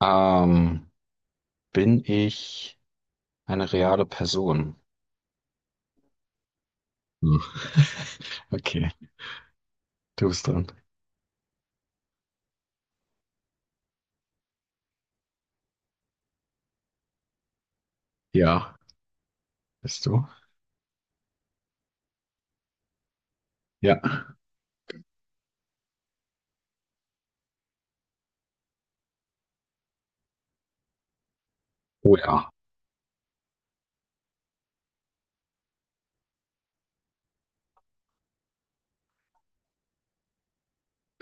Ähm, Bin ich eine reale Person? Hm. Okay, du bist dran. Ja, bist du? Ja. Oh ja.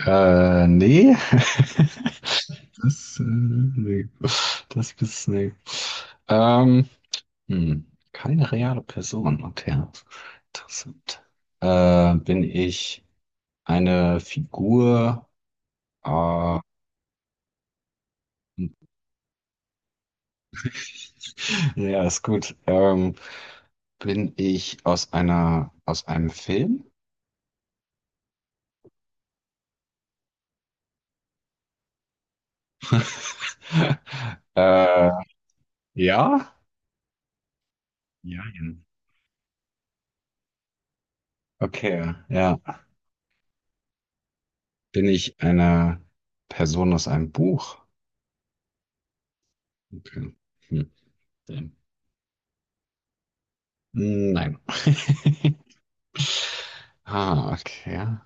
Nee. Das, nee. Das bist nee. Ähm, hm. Keine reale Person. Okay. Interessant. Bin ich eine Figur äh, ja, ist gut. Bin ich aus einer, aus einem Film? Äh, ja? Ja. Okay, ja. Bin ich eine Person aus einem Buch? Okay. Hm. Dann- nein. Ah, okay.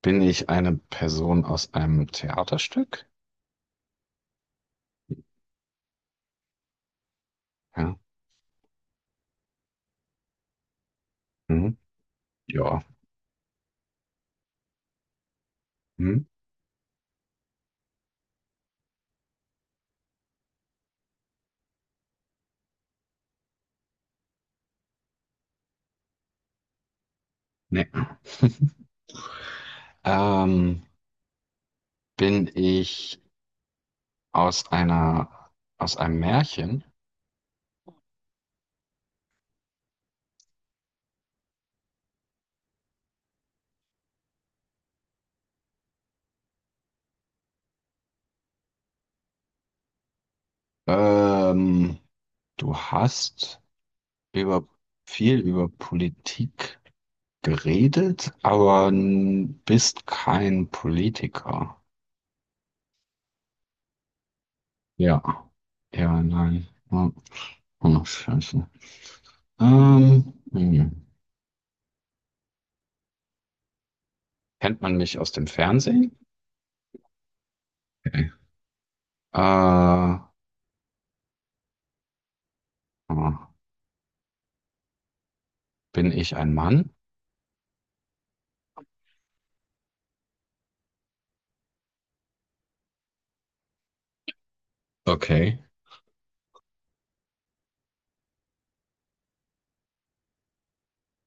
Bin ich eine Person aus einem Theaterstück? Ja. Mhm. Ja. Mhm. Nee. Ähm, bin ich aus einer, aus einem Märchen. Ähm, du hast über viel über Politik geredet, aber n- bist kein Politiker. Ja, ja, nein. Oh, oh, scheiße. Hm. Kennt man mich aus dem Fernsehen? Okay. Äh, oh, bin ich ein Mann? Okay.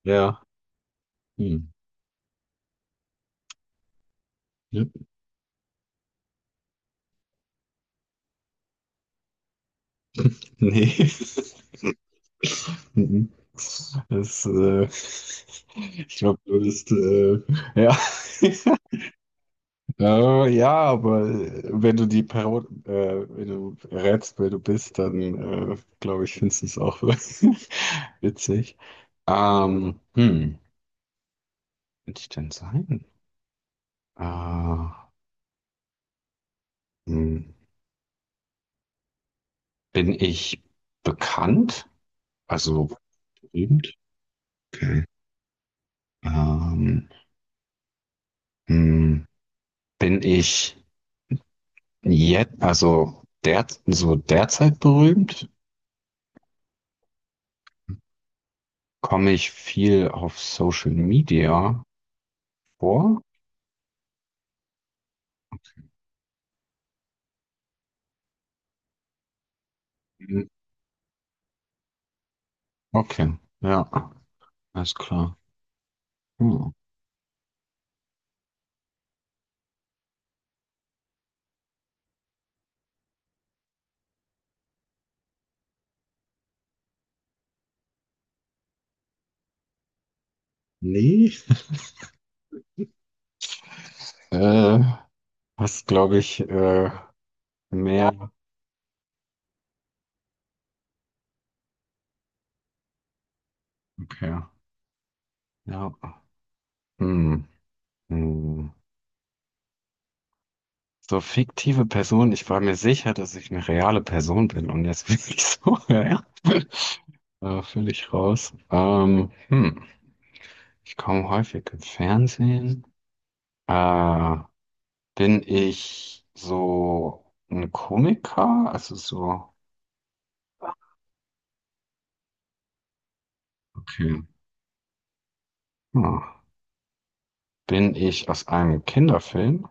Ja. Hm. Ja. Nee. Mhm. Das, ich glaube, du bist, ja. Ja, aber wenn du die Parod wenn du rätst, wer du bist, dann glaube ich, findest du es auch witzig. Hm, könnte ich denn sein? Äh, hm, bin ich bekannt? Also berühmt? Okay. Ähm, hm, bin ich jetzt, also der, so derzeit berühmt, komme ich viel auf Social Media vor. Hm, okay, ja, alles klar. Hm. Nee, äh, hast, glaube ich, mehr. Okay, ja. Hm. Hm. So fiktive Person, ich war mir sicher, dass ich eine reale Person bin und jetzt bin ich so, ja, ja, völlig raus. Hm. Ich komme häufig im Fernsehen. Äh, Bin ich so ein Komiker? Also so, okay. Hm. Bin ich aus einem Kinderfilm?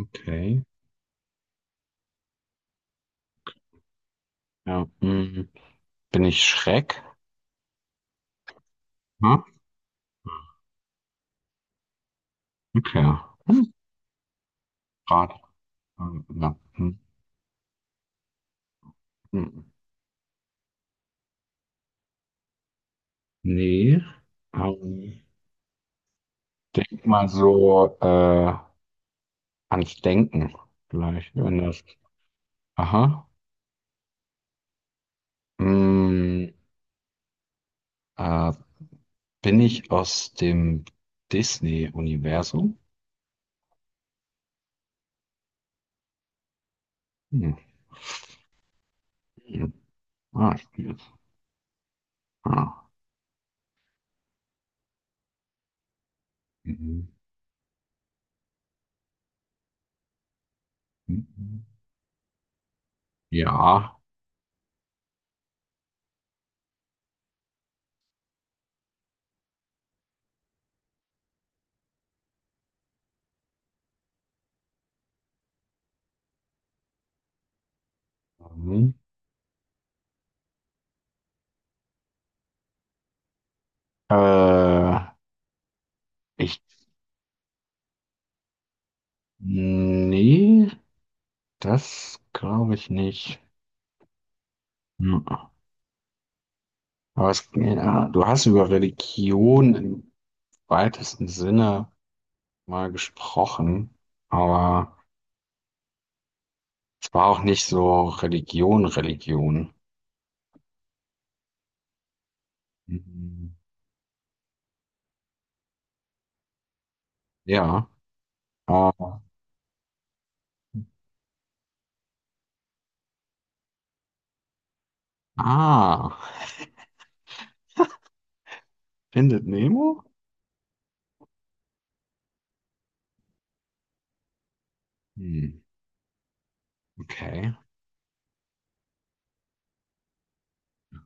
Okay. Ja, hm. Bin ich Schreck? Ja, okay. Hm. Gerade. Ja. Hm. Hm. Nee. Ähm, denk mal so ans Denken vielleicht, wenn das. Aha. Hm. Äh, Bin ich aus dem Disney-Universum? Hm. Hm. Ah, ja. Mhm. Mhm. Ja. Mhm. Äh, Ich, nee, das glaube ich nicht. Mhm. Aber es, ja, du hast über Religion im weitesten Sinne mal gesprochen, aber es war auch nicht so Religion, Religion. Mhm. Ja. Äh, ah, findet Nemo? Hm, okay.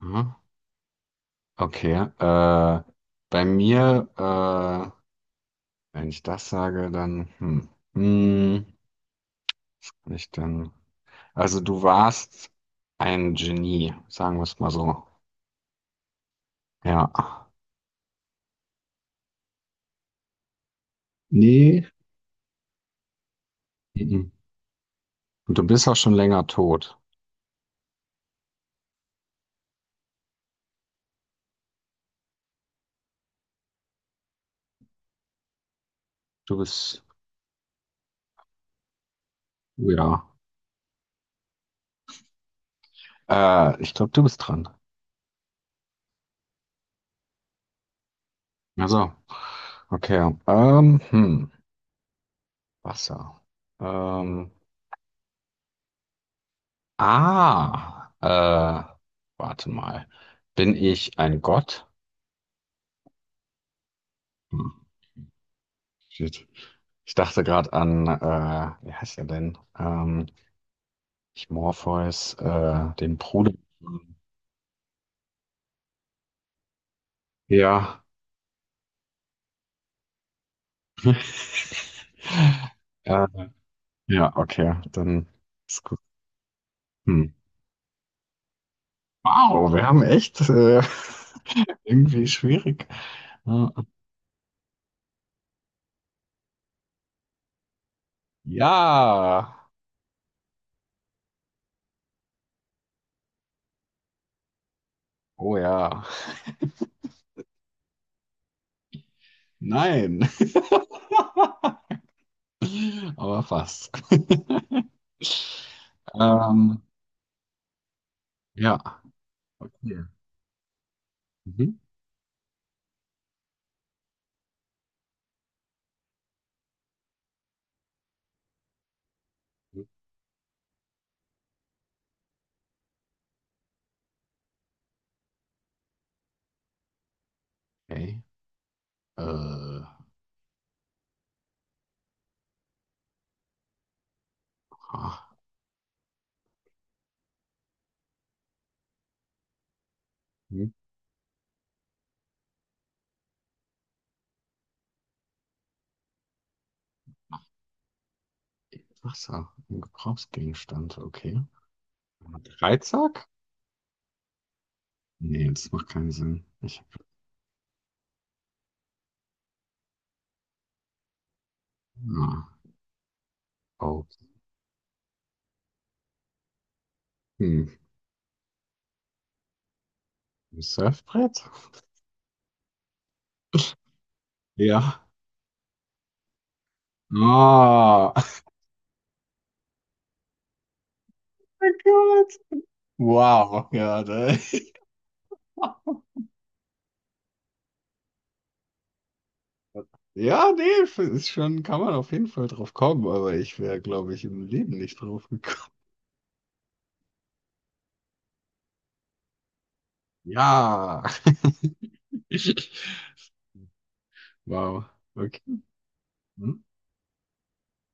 Aha. Okay, äh, bei mir, wenn ich das sage, dann, hm, hm, nicht dann. Also du warst ein Genie, sagen wir es mal so. Ja. Nee. Mhm. Und du bist auch schon länger tot. Du bist, oh ja. Ich glaube, du bist dran. Also, okay. Hm, Wasser. Ähm, ah, warte mal. Bin ich ein Gott? Hm. Shit. Ich dachte gerade an, wie heißt er denn? Nicht Morpheus, den Bruder. Ja. Äh, ja, okay, dann ist gut. Hm. Wow, wir haben echt irgendwie schwierig. Äh, Ja. Oh ja. Nein, aber fast. Ähm, ja. Okay. Mhm. Okay. Äh, ah, hm. Wasser, ein Gebrauchsgegenstand, okay. Dreizack? Nee, das macht keinen Sinn. Ich ah, oh. Hm. Ein Surfbrett? Ja. Ah, oh mein Gott. Wow, ja, da, ja, nee, f- ist schon, kann man auf jeden Fall drauf kommen, aber ich wäre, glaube ich, im Leben nicht drauf gekommen. Ja. Wow. Okay. Hm.